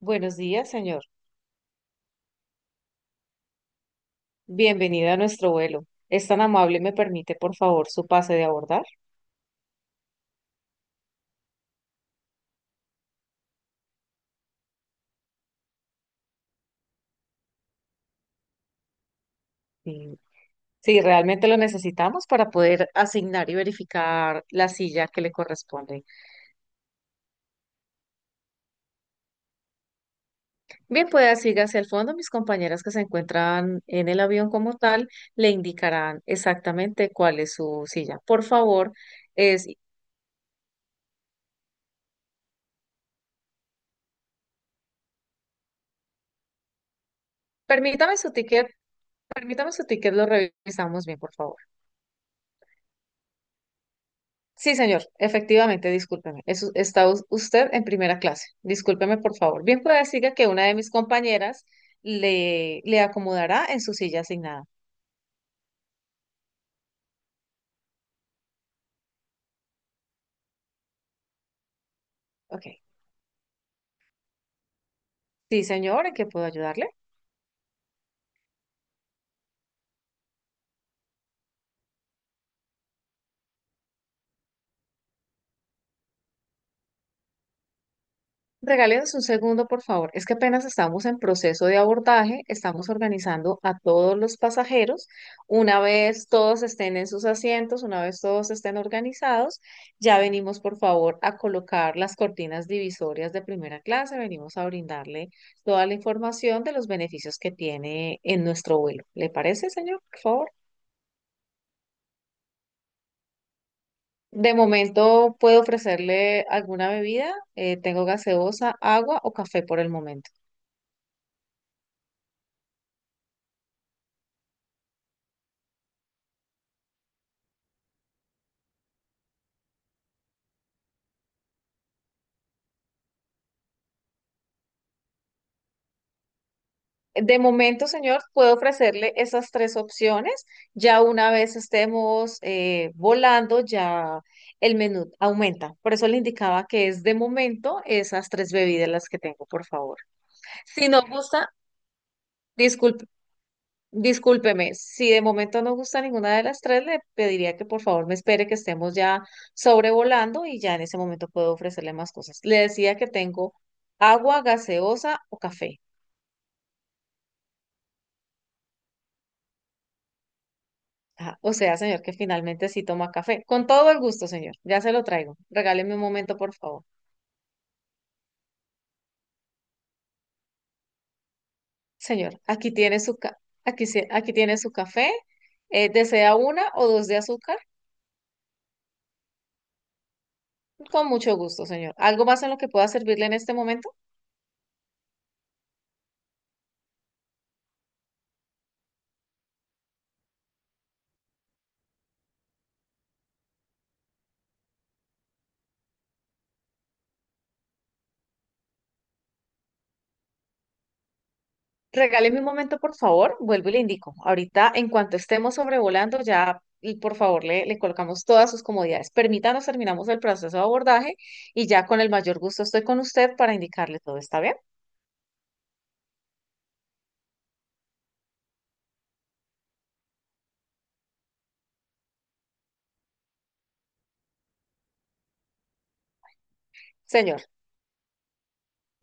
Buenos días, señor. Bienvenido a nuestro vuelo. ¿Es tan amable, me permite, por favor, su pase de abordar? Sí, sí, realmente lo necesitamos para poder asignar y verificar la silla que le corresponde. Bien, puede siga hacia el fondo. Mis compañeras que se encuentran en el avión como tal le indicarán exactamente cuál es su silla. Por favor, es... permítame su ticket, permítame su ticket, lo revisamos bien, por favor. Sí, señor, efectivamente, discúlpeme. Usted en primera clase. Discúlpeme, por favor. Bien pueda decir que una de mis compañeras le acomodará en su silla asignada. Ok. Sí, señor, ¿en qué puedo ayudarle? Regálenos un segundo, por favor. Es que apenas estamos en proceso de abordaje, estamos organizando a todos los pasajeros. Una vez todos estén en sus asientos, una vez todos estén organizados, ya venimos, por favor, a colocar las cortinas divisorias de primera clase. Venimos a brindarle toda la información de los beneficios que tiene en nuestro vuelo. ¿Le parece, señor? Por favor. De momento puedo ofrecerle alguna bebida. Tengo gaseosa, agua o café por el momento. De momento, señor, puedo ofrecerle esas tres opciones. Ya una vez estemos volando, ya el menú aumenta. Por eso le indicaba que es de momento esas tres bebidas las que tengo, por favor. Si no gusta, disculpe, discúlpeme. Si de momento no gusta ninguna de las tres, le pediría que por favor me espere que estemos ya sobrevolando y ya en ese momento puedo ofrecerle más cosas. Le decía que tengo agua, gaseosa o café. Ah, o sea, señor, que finalmente sí toma café. Con todo el gusto, señor. Ya se lo traigo. Regáleme un momento, por favor. Señor, aquí tiene su café. ¿Desea una o dos de azúcar? Con mucho gusto, señor. ¿Algo más en lo que pueda servirle en este momento? Regáleme un momento, por favor. Vuelvo y le indico. Ahorita, en cuanto estemos sobrevolando, ya, y por favor, le colocamos todas sus comodidades. Permítanos, terminamos el proceso de abordaje y ya con el mayor gusto estoy con usted para indicarle todo. ¿Está bien? Señor,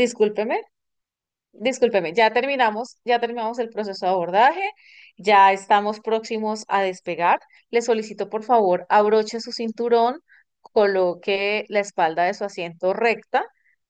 discúlpeme. Discúlpeme, ya terminamos el proceso de abordaje, ya estamos próximos a despegar. Le solicito, por favor, abroche su cinturón, coloque la espalda de su asiento recta,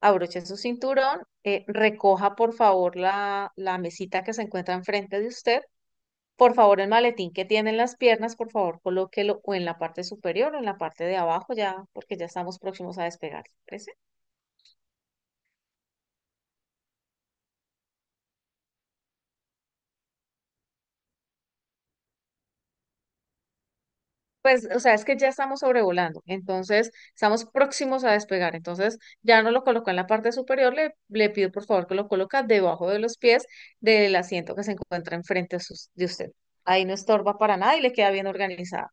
abroche su cinturón, recoja, por favor, la mesita que se encuentra enfrente de usted. Por favor, el maletín que tiene en las piernas, por favor, colóquelo o en la parte superior o en la parte de abajo, ya, porque ya estamos próximos a despegar. ¿Le parece? Pues, o sea, es que ya estamos sobrevolando, entonces estamos próximos a despegar, entonces ya no lo colocó en la parte superior, le pido por favor que lo coloca debajo de los pies del asiento que se encuentra enfrente de de usted. Ahí no estorba para nada y le queda bien organizado.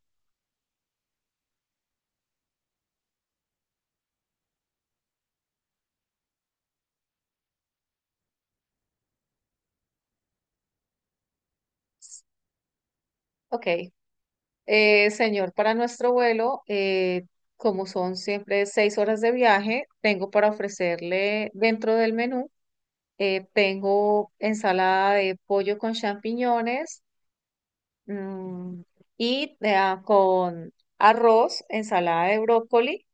Ok. Señor, para nuestro vuelo, como son siempre 6 horas de viaje, tengo para ofrecerle dentro del menú, tengo ensalada de pollo con champiñones. Mm, y con arroz, ensalada de brócoli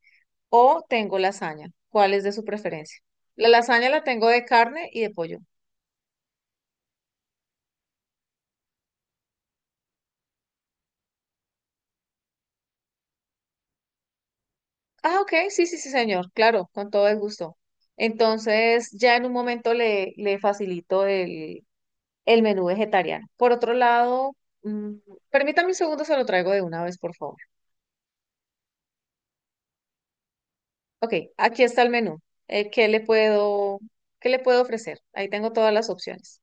o tengo lasaña. ¿Cuál es de su preferencia? La lasaña la tengo de carne y de pollo. Ah, ok, sí, sí, sí, señor, claro, con todo el gusto. Entonces, ya en un momento le facilito el menú vegetariano. Por otro lado, mm, permítame un segundo, se lo traigo de una vez, por favor. Ok, aquí está el menú. Eh, ¿qué le puedo, ¿Qué le puedo ofrecer? Ahí tengo todas las opciones.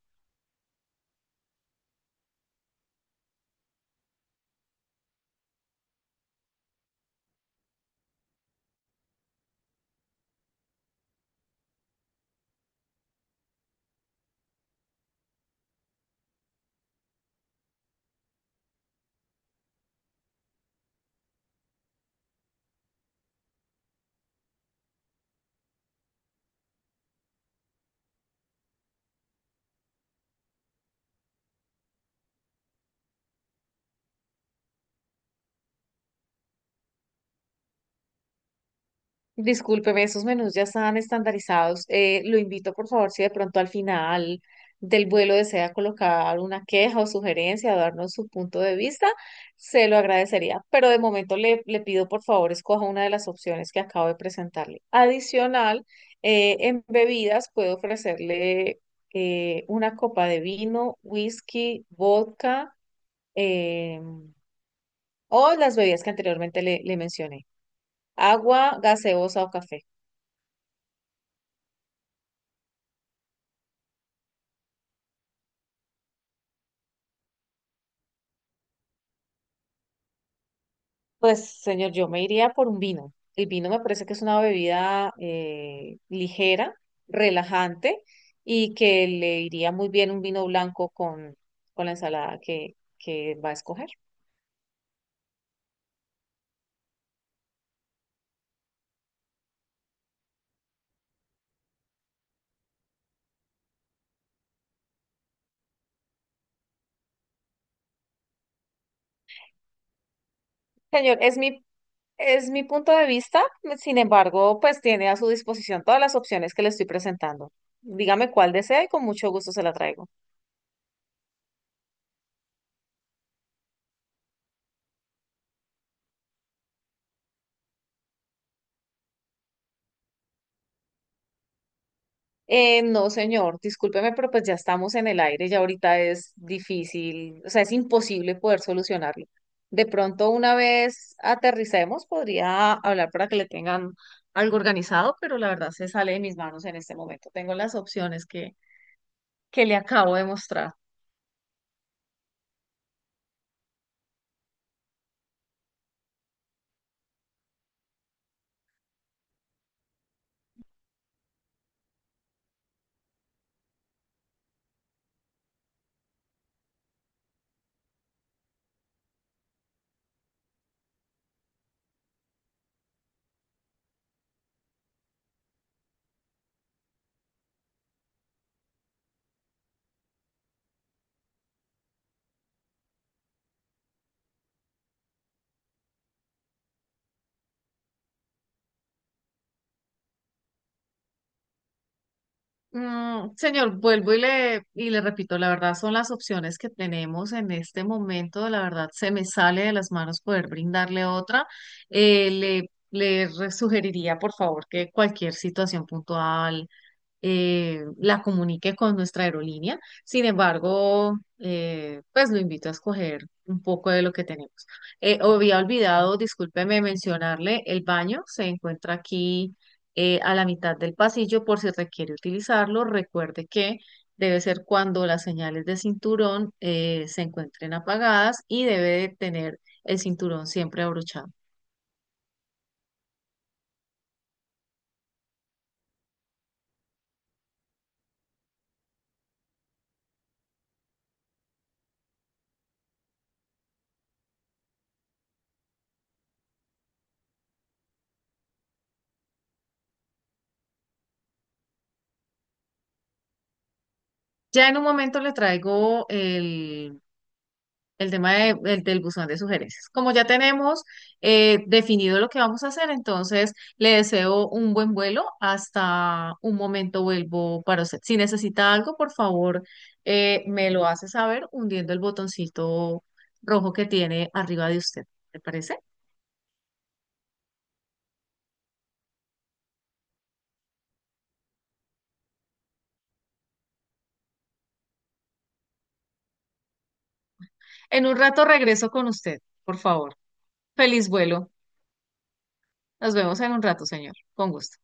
Discúlpeme, esos menús ya están estandarizados. Lo invito, por favor, si de pronto al final del vuelo desea colocar una queja o sugerencia o darnos su punto de vista, se lo agradecería. Pero de momento le pido, por favor, escoja una de las opciones que acabo de presentarle. Adicional, en bebidas puedo ofrecerle una copa de vino, whisky, vodka, eh, o las bebidas que anteriormente le mencioné, agua, gaseosa o café. Pues, señor, yo me iría por un vino. El vino me parece que es una bebida ligera, relajante y que le iría muy bien un vino blanco con la ensalada que va a escoger. Señor, es mi punto de vista, sin embargo, pues tiene a su disposición todas las opciones que le estoy presentando. Dígame cuál desea y con mucho gusto se la traigo. No, señor, discúlpeme, pero pues ya estamos en el aire, ya ahorita es difícil, o sea, es imposible poder solucionarlo. De pronto, una vez aterricemos, podría hablar para que le tengan algo organizado, pero la verdad se sale de mis manos en este momento. Tengo las opciones que le acabo de mostrar. Mm, señor, vuelvo y le repito, la verdad son las opciones que tenemos en este momento, la verdad se me sale de las manos poder brindarle otra. Sugeriría, por favor, que cualquier situación puntual la comunique con nuestra aerolínea. Sin embargo, pues lo invito a escoger un poco de lo que tenemos. Había olvidado, discúlpeme mencionarle, el baño se encuentra aquí a la mitad del pasillo por si requiere utilizarlo. Recuerde que debe ser cuando las señales de cinturón se encuentren apagadas y debe de tener el cinturón siempre abrochado. Ya en un momento le traigo el del buzón de sugerencias. Como ya tenemos definido lo que vamos a hacer, entonces le deseo un buen vuelo. Hasta un momento vuelvo para usted. Si necesita algo, por favor, me lo hace saber hundiendo el botoncito rojo que tiene arriba de usted. ¿Te parece? En un rato regreso con usted, por favor. Feliz vuelo. Nos vemos en un rato, señor. Con gusto.